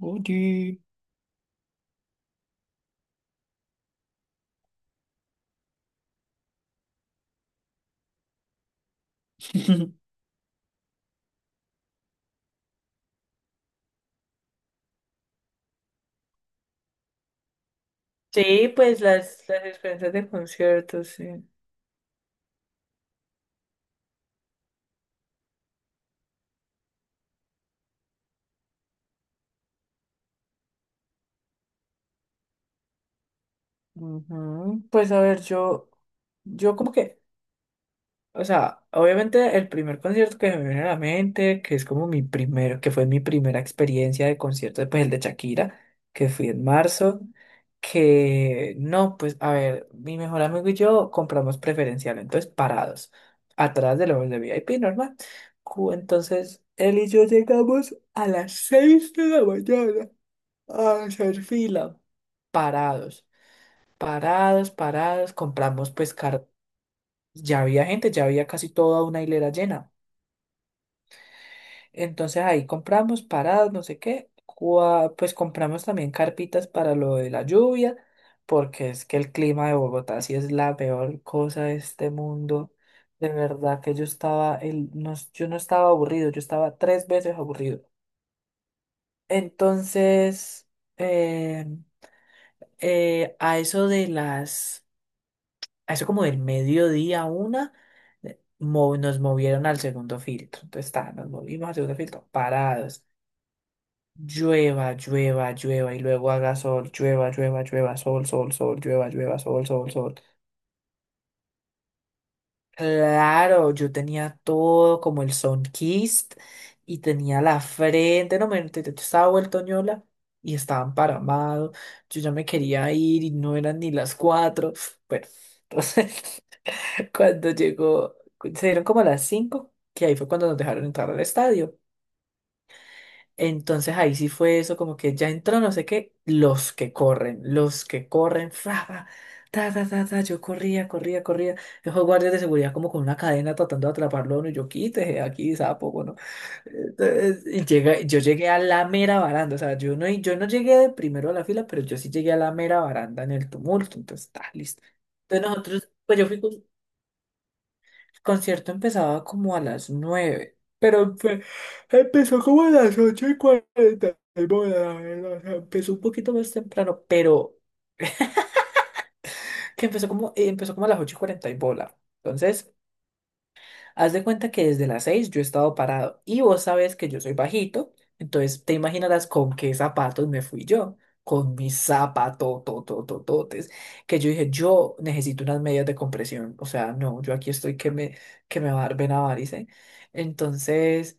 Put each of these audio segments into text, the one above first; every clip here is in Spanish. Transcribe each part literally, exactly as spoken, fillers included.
Oye. Sí, pues las, las experiencias de conciertos, sí. Ujú. Pues a ver, yo, yo como que o sea, obviamente el primer concierto que me viene a la mente, que es como mi primero, que fue mi primera experiencia de concierto, pues el de Shakira, que fui en marzo. Que no, pues a ver, mi mejor amigo y yo compramos preferencial, entonces parados, atrás de los de V I P, normal. Cu- Entonces él y yo llegamos a las seis de la mañana a hacer fila, parados. Parados, parados, compramos pues. Car Ya había gente, ya había casi toda una hilera llena. Entonces ahí compramos paradas, no sé qué. cua- Pues compramos también carpitas para lo de la lluvia, porque es que el clima de Bogotá sí es la peor cosa de este mundo. De verdad que yo estaba, el, no, yo no estaba aburrido, yo estaba tres veces aburrido. Entonces, eh, eh, a eso de las a eso como del mediodía a una, eh, mo- nos movieron al segundo filtro. Entonces, ta, nos movimos al segundo filtro, parados. Llueva, llueva, llueva, y luego haga sol, llueva, llueva, llueva, sol, sol, sol, llueva, llueva, sol, sol, sol. Claro, yo tenía todo como el sunkist y tenía la frente, no me te- te- estaba vuelto ñola y estaba emparamado. Yo ya me quería ir y no eran ni las cuatro. Bueno, entonces. Cuando llegó, se dieron como a las cinco, que ahí fue cuando nos dejaron entrar al estadio. Entonces ahí sí fue eso, como que ya entró, no sé qué, los que corren, los que corren, fra, fra, ta, ta, ta, ta, yo corría, corría, corría. Esos guardias de seguridad como con una cadena tratando de atraparlo a uno, y yo quítese aquí, sapo, bueno. Entonces, y llega, yo llegué a la mera baranda, o sea, yo no, yo no llegué de primero a la fila, pero yo sí llegué a la mera baranda en el tumulto, entonces, está listo. Entonces nosotros, pues yo fui, concierto empezaba como a las nueve, pero fue- empezó como a las ocho y cuarenta y bola. O sea, empezó un poquito más temprano, pero que empezó como, eh, empezó como a las ocho y cuarenta y bola. Entonces, haz de cuenta que desde las seis yo he estado parado y vos sabes que yo soy bajito, entonces te imaginarás con qué zapatos me fui yo, con mis zapatototototes, que yo dije, yo necesito unas medias de compresión, o sea, no, yo aquí estoy que me, que me va a dar vena varice. Entonces,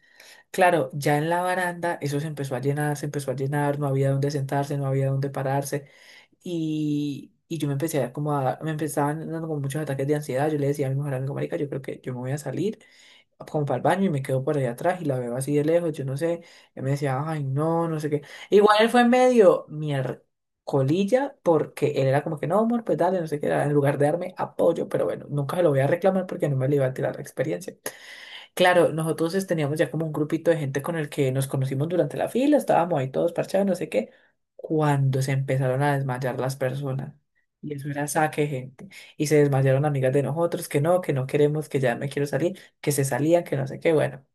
claro, ya en la baranda eso se empezó a llenar, se empezó a llenar, no había dónde sentarse, no había dónde pararse. Y... Y yo me empecé, a como a- me empezaban dando como muchos ataques de ansiedad. Yo le decía a mi mejor amigo, marica, yo creo que yo me voy a salir como para el baño y me quedo por allá atrás y la veo así de lejos, yo no sé, él me decía, ay, no, no sé qué. Igual él fue medio miércolilla porque él era como que, no, amor, pues dale, no sé qué, era, en lugar de darme apoyo, pero bueno, nunca se lo voy a reclamar porque no me le iba a tirar la experiencia. Claro, nosotros este, teníamos ya como un grupito de gente con el que nos conocimos durante la fila, estábamos ahí todos parchados, no sé qué, cuando se empezaron a desmayar las personas. Y eso era saque de gente. Y se desmayaron amigas de nosotros, que no, que no queremos, que ya me quiero salir, que se salían, que no sé qué, bueno.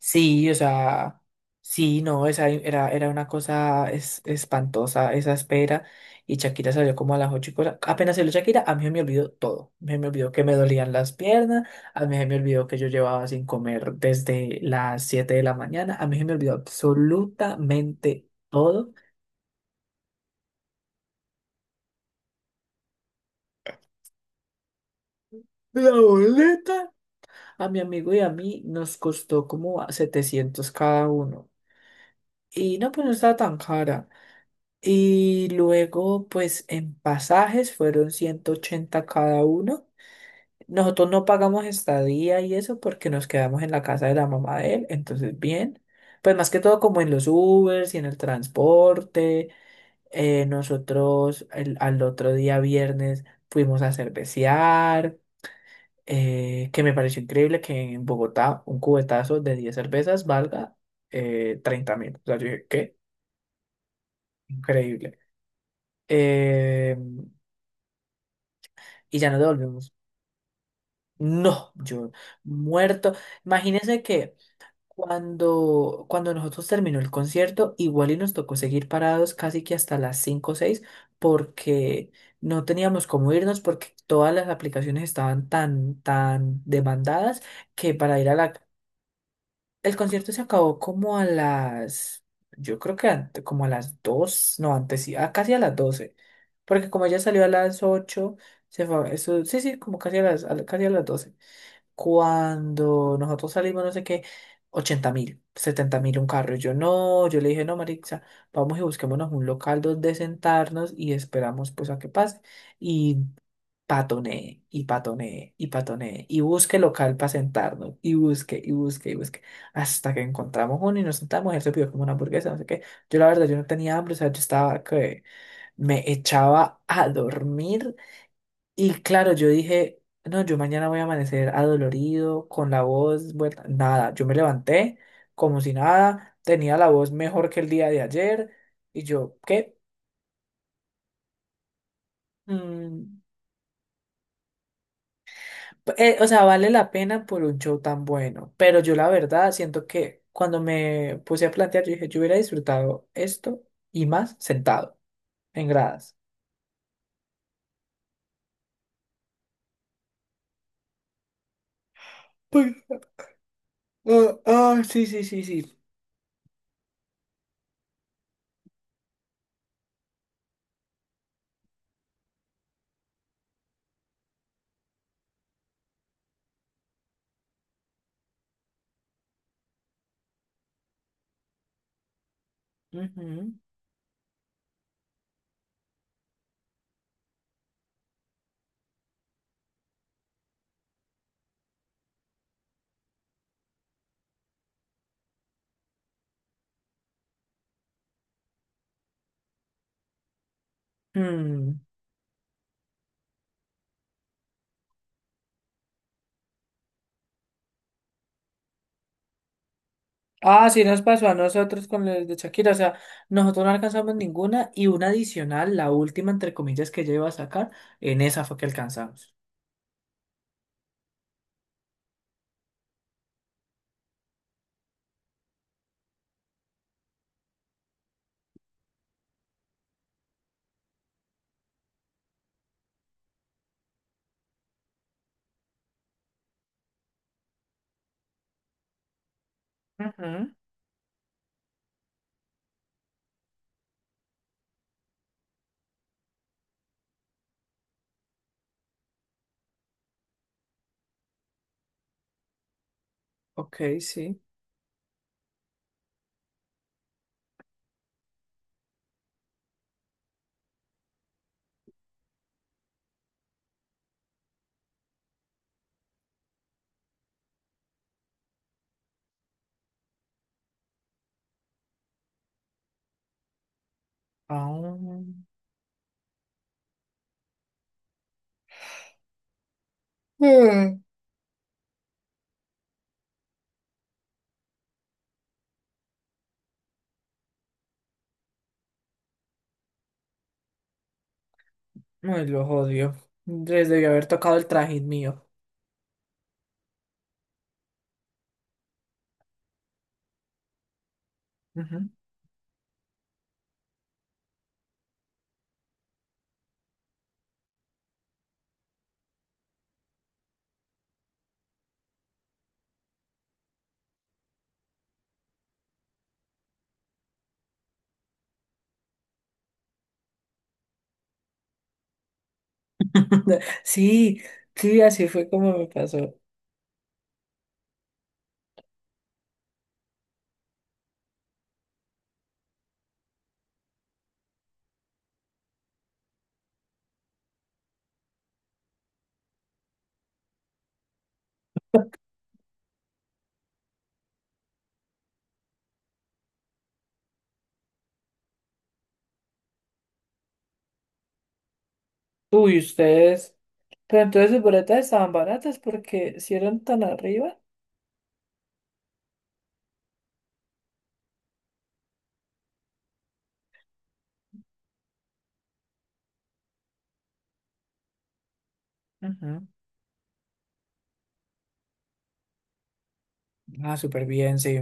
Sí, o sea, sí, no, esa era, era una cosa es- espantosa, esa espera. Y Shakira salió como a las ocho y cosa. Apenas salió Shakira, a mí se me olvidó todo. Me, me olvidó que me dolían las piernas, a mí se me olvidó que yo llevaba sin comer desde las siete de la mañana, a mí se me olvidó absolutamente todo. La boleta a mi amigo y a mí nos costó como a setecientos cada uno. Y no, pues no estaba tan cara. Y luego, pues en pasajes fueron ciento ochenta cada uno. Nosotros no pagamos estadía y eso porque nos quedamos en la casa de la mamá de él, entonces bien. Pues más que todo como en los Ubers y en el transporte. Eh, nosotros el- al otro día viernes fuimos a cervecear, eh, que me pareció increíble que en Bogotá un cubetazo de diez cervezas valga, eh, treinta mil. O sea, yo dije, qué increíble. Em, y ya no devolvimos. No, yo muerto. Imagínense que cuando, cuando nosotros terminó el concierto, igual y nos tocó seguir parados casi que hasta las cinco o seis porque no teníamos cómo irnos porque todas las aplicaciones estaban tan, tan demandadas que para ir a la el concierto se acabó como a las, yo creo que ante- como a las dos, no, antes sí, ah, casi a las doce, porque como ella salió a las ocho, se fue, eso, sí, sí, como casi a las, a la- casi a las doce. Cuando nosotros salimos, no sé qué, ochenta mil, setenta mil un carro, y yo no, yo le dije, no, Marixa, vamos y busquémonos un local donde sentarnos y esperamos pues a que pase patonee y patonee y patonee y busque local para sentarnos y busque y busque y busque hasta que encontramos uno y nos sentamos. Él se pidió como una hamburguesa, no sé qué. Yo la verdad, yo no tenía hambre, o sea, yo estaba que me echaba a dormir y claro, yo dije, no, yo mañana voy a amanecer adolorido, con la voz vuelta, nada, yo me levanté como si nada, tenía la voz mejor que el día de ayer y yo, ¿qué? Mm. Eh, o sea, vale la pena por un show tan bueno, pero yo la verdad siento que cuando me puse a plantear, yo dije, yo hubiera disfrutado esto y más sentado en gradas. Pues, ah, ah, sí, sí, sí, sí. Ujú. Mm. Ah, sí nos pasó a nosotros con el de Shakira, o sea, nosotros no alcanzamos ninguna y una adicional, la última entre comillas que yo iba a sacar, en esa fue que alcanzamos. Ujú. Ok, sí. Ah. Mm. Ay, lo odio. Les debió haber tocado el trajín mío. Ujú. Sí, sí, así fue como me pasó. Uy, ustedes. Pero entonces sus boletas estaban baratas porque si eran tan arriba. Ujú. Ah, súper bien, sí.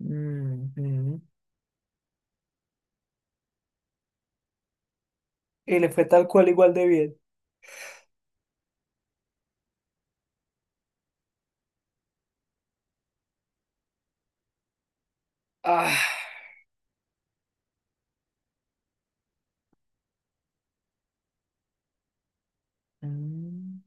Mm. Y le fue tal cual igual de bien. Ah. Mm.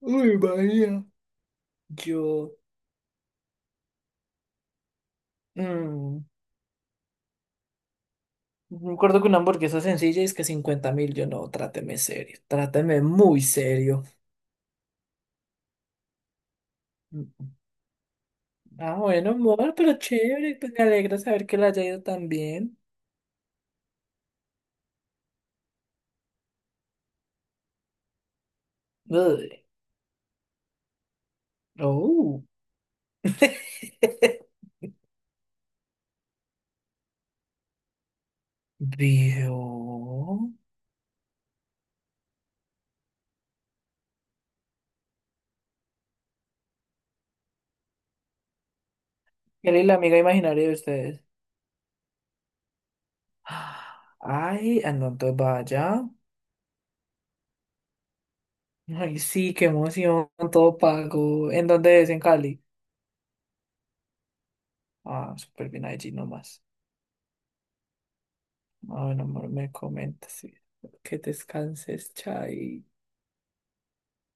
Uy, María. Yo. mm, Me acuerdo que una hamburguesa sencilla es que cincuenta mil. Yo no, tráteme serio. Tráteme muy serio. Mm. Ah, bueno, amor, pero chévere. Pues me alegra saber que la haya ido tan bien. Uy, oh, vio. Él es la amiga imaginaria de ustedes. Ah. Ay, ah, no, entonces vaya. Ay, sí, qué emoción, todo pago. ¿En dónde es? ¿En Cali? Ah, súper bien allí nomás. Ah, bueno, amor, me comentas. Sí. Que descanses, chai.